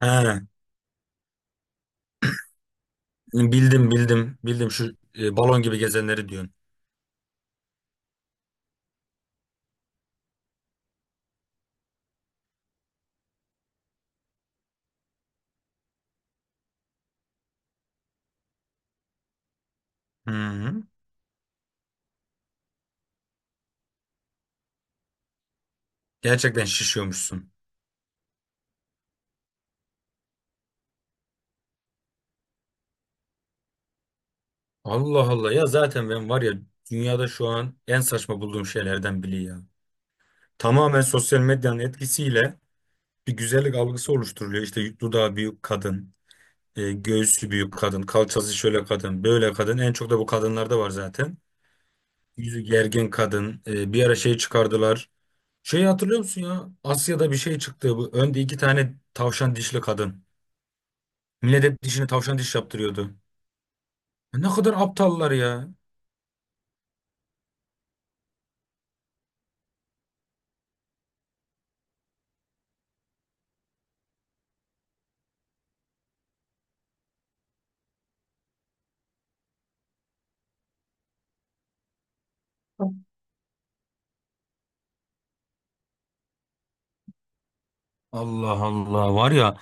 Ha, bildim bildim bildim şu balon gibi gezenleri diyorsun. Hı hı. Gerçekten şişiyormuşsun. Allah Allah, ya zaten ben var ya, dünyada şu an en saçma bulduğum şeylerden biri ya. Tamamen sosyal medyanın etkisiyle bir güzellik algısı oluşturuluyor. İşte dudağı büyük kadın, göğsü büyük kadın, kalçası şöyle kadın, böyle kadın. En çok da bu kadınlarda var zaten. Yüzü gergin kadın. Bir ara şey çıkardılar. Şeyi hatırlıyor musun ya? Asya'da bir şey çıktı. Bu önde iki tane tavşan dişli kadın. Millet dişini tavşan diş yaptırıyordu. Ne kadar aptallar ya. Allah Allah, var ya,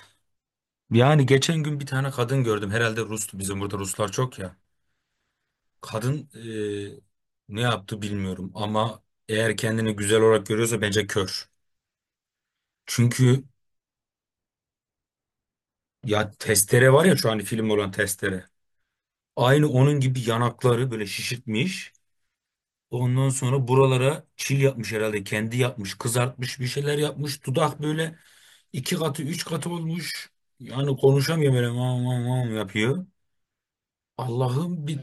yani geçen gün bir tane kadın gördüm, herhalde Rus'tu, bizim burada Ruslar çok ya. Kadın, ne yaptı bilmiyorum, ama eğer kendini güzel olarak görüyorsa bence kör. Çünkü ya, testere var ya, şu an film olan testere. Aynı onun gibi yanakları böyle şişirtmiş. Ondan sonra buralara çil yapmış herhalde. Kendi yapmış, kızartmış, bir şeyler yapmış. Dudak böyle iki katı, üç katı olmuş. Yani konuşamıyor, böyle mam mam mam yapıyor. Allah'ım bir...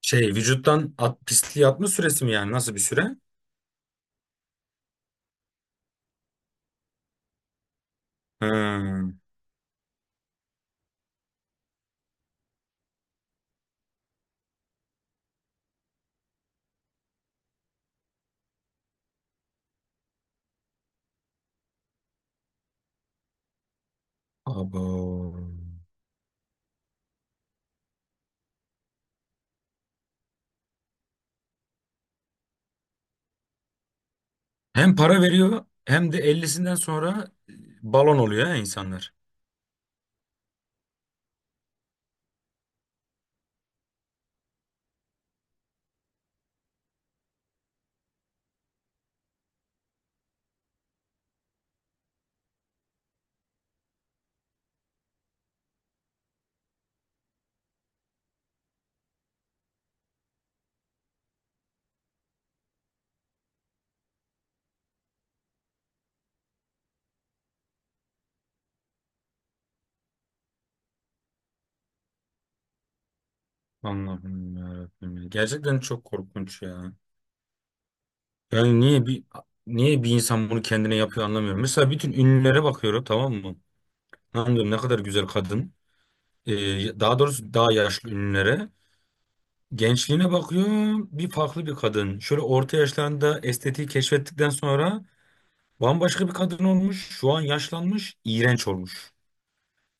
Şey, vücuttan at, pisliği atma süresi mi yani? Nasıl bir süre? Hmm. Abo. Hem para veriyor, hem de 50'sinden sonra balon oluyor ya insanlar. Allah'ım yarabbim. Gerçekten çok korkunç ya. Yani niye bir insan bunu kendine yapıyor anlamıyorum. Mesela bütün ünlülere bakıyorum, tamam mı? Lan diyorum, ne kadar güzel kadın. Daha doğrusu daha yaşlı ünlülere. Gençliğine bakıyorum, bir farklı bir kadın. Şöyle orta yaşlarında estetiği keşfettikten sonra bambaşka bir kadın olmuş. Şu an yaşlanmış, iğrenç olmuş.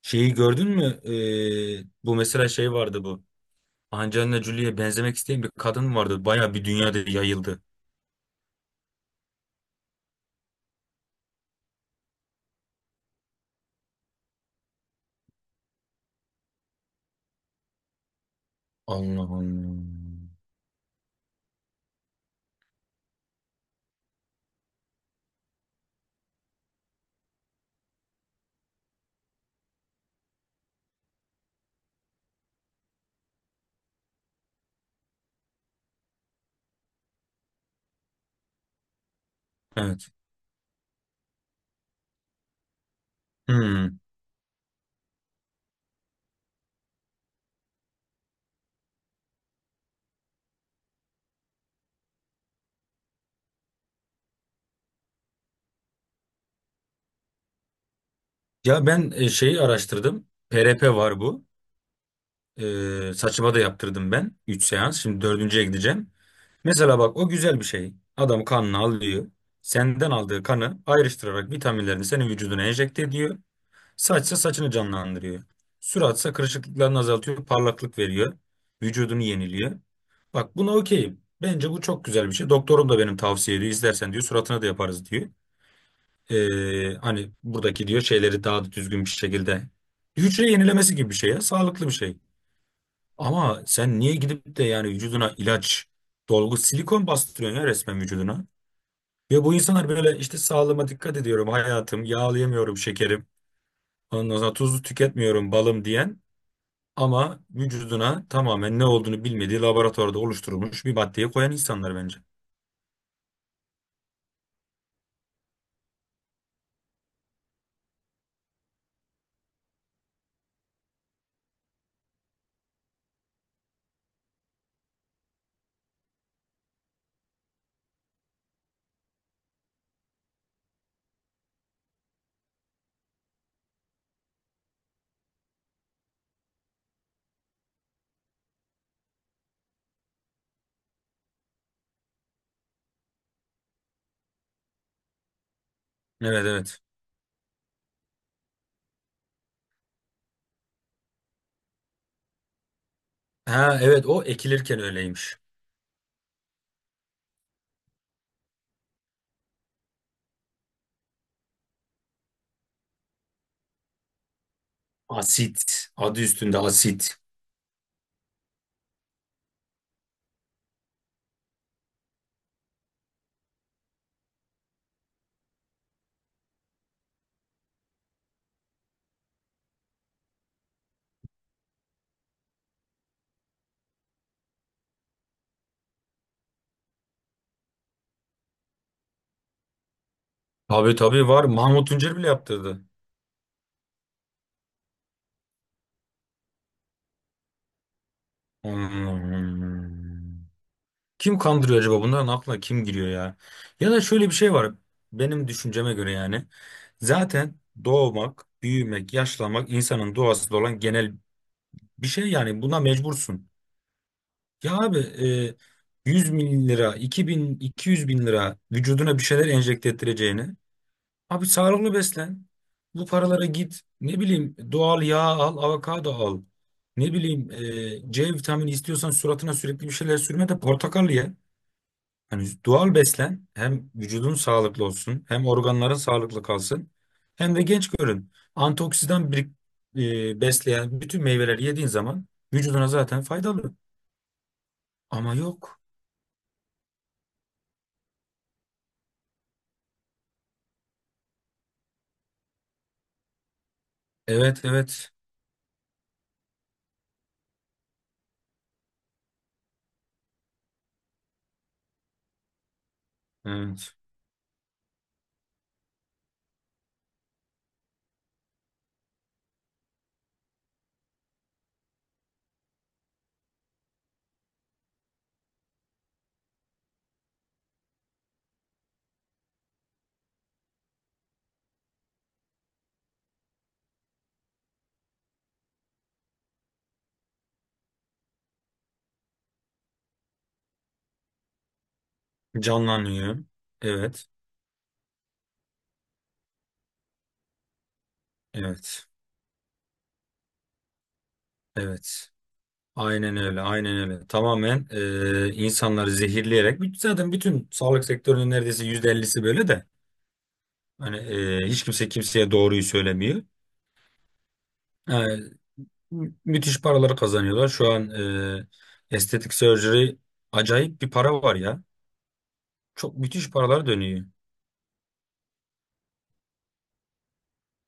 Şeyi gördün mü? Bu mesela, şey vardı bu. Angelina Jolie'ye benzemek isteyen bir kadın vardı. Baya bir dünyada yayıldı. Allah Allah. Evet. Hmm. Ya ben, şeyi araştırdım. PRP var bu. Saçıma da yaptırdım ben. Üç seans. Şimdi dördüncüye gideceğim. Mesela bak, o güzel bir şey. Adam kanını alıyor. Senden aldığı kanı ayrıştırarak vitaminlerini senin vücuduna enjekte ediyor. Saçsa saçını canlandırıyor. Suratsa kırışıklıklarını azaltıyor. Parlaklık veriyor. Vücudunu yeniliyor. Bak, buna okeyim. Bence bu çok güzel bir şey. Doktorum da benim tavsiye ediyor. İstersen diyor, suratına da yaparız diyor. Hani buradaki diyor şeyleri daha da düzgün bir şekilde, hücre yenilemesi gibi bir şey ya, sağlıklı bir şey. Ama sen niye gidip de yani vücuduna ilaç, dolgu, silikon bastırıyorsun ya resmen vücuduna. Ve bu insanlar böyle işte sağlığıma dikkat ediyorum hayatım, yağlayamıyorum şekerim, ondan sonra tuzlu tüketmiyorum balım diyen, ama vücuduna tamamen ne olduğunu bilmediği laboratuvarda oluşturulmuş bir maddeyi koyan insanlar bence. Evet, evet. Ha evet, o ekilirken öyleymiş. Asit. Adı üstünde asit. Tabii tabii var. Mahmut Tuncer bile yaptırdı. Hmm. Kim kandırıyor acaba? Bunların aklına kim giriyor ya? Ya da şöyle bir şey var. Benim düşünceme göre yani. Zaten doğmak, büyümek, yaşlanmak insanın doğasında olan genel bir şey yani. Buna mecbursun. Ya abi, 100 bin lira, 2000, 200 bin lira vücuduna bir şeyler enjekte ettireceğini... Abi, sağlıklı beslen. Bu paralara git. Ne bileyim, doğal yağ al, avokado al. Ne bileyim, C vitamini istiyorsan suratına sürekli bir şeyler sürme de portakal ye. Yani doğal beslen. Hem vücudun sağlıklı olsun, hem organların sağlıklı kalsın, hem de genç görün. Antioksidan, besleyen bütün meyveleri yediğin zaman vücuduna zaten faydalı. Ama yok. Evet, evet. Evet. Canlanıyor. Evet, evet, evet. Aynen öyle, aynen öyle. Tamamen insanları zehirleyerek, zaten bütün sağlık sektörünün neredeyse %50'si böyle de. Hani, hiç kimse kimseye doğruyu söylemiyor. E, müthiş paraları kazanıyorlar. Şu an e, estetik surgery acayip bir para var ya. Çok müthiş paralar dönüyor.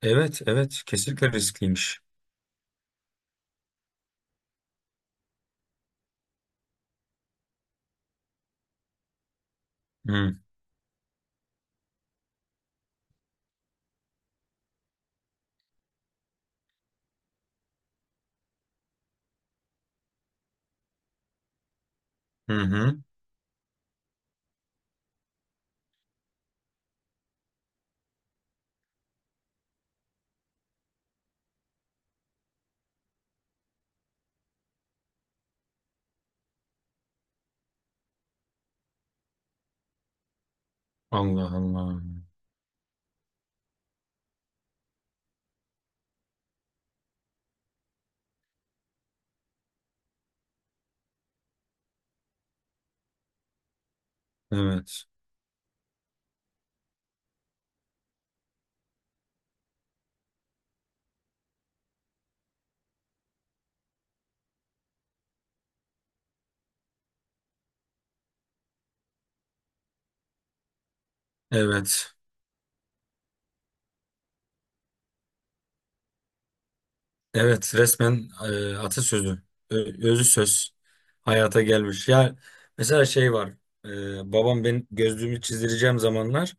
Evet, evet, kesinlikle riskliymiş. Hı, hı, hı. Allah Allah. Evet, evet. Evet, resmen e, atasözü, özü söz hayata gelmiş. Ya mesela şey var, babam ben gözlüğümü çizdireceğim zamanlar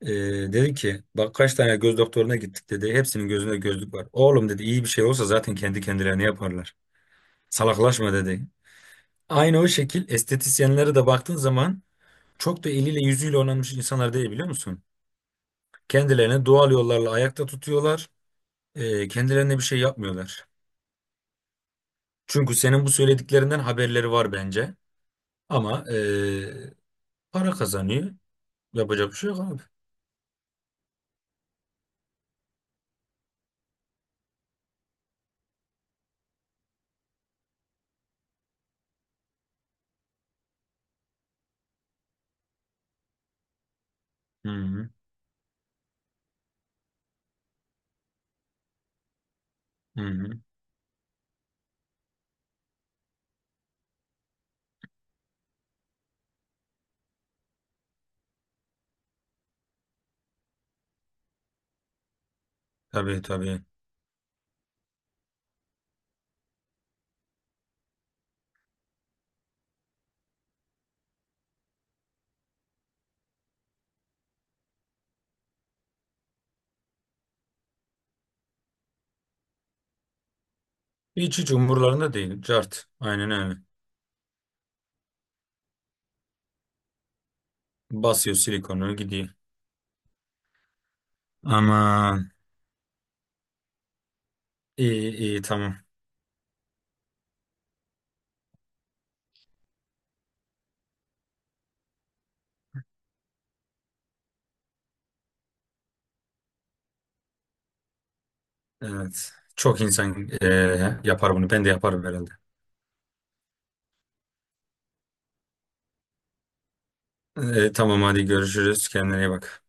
e, dedi ki, bak kaç tane göz doktoruna gittik dedi. Hepsinin gözünde gözlük var. Oğlum dedi, iyi bir şey olsa zaten kendi kendilerine yaparlar. Salaklaşma dedi. Aynı o şekil estetisyenlere de baktığın zaman çok da eliyle yüzüyle oynanmış insanlar değil, biliyor musun? Kendilerini doğal yollarla ayakta tutuyorlar. Kendilerine bir şey yapmıyorlar. Çünkü senin bu söylediklerinden haberleri var bence. Ama, para kazanıyor. Yapacak bir şey yok abi. Hı hı. Hı hı. Tabii tabii. Hiç hiç umurlarında değil. Cart. Aynen öyle. Basıyor silikonu gidiyor. Aman. İyi iyi tamam. Evet. Çok insan, yapar bunu. Ben de yaparım herhalde. Tamam, hadi görüşürüz. Kendine iyi bak.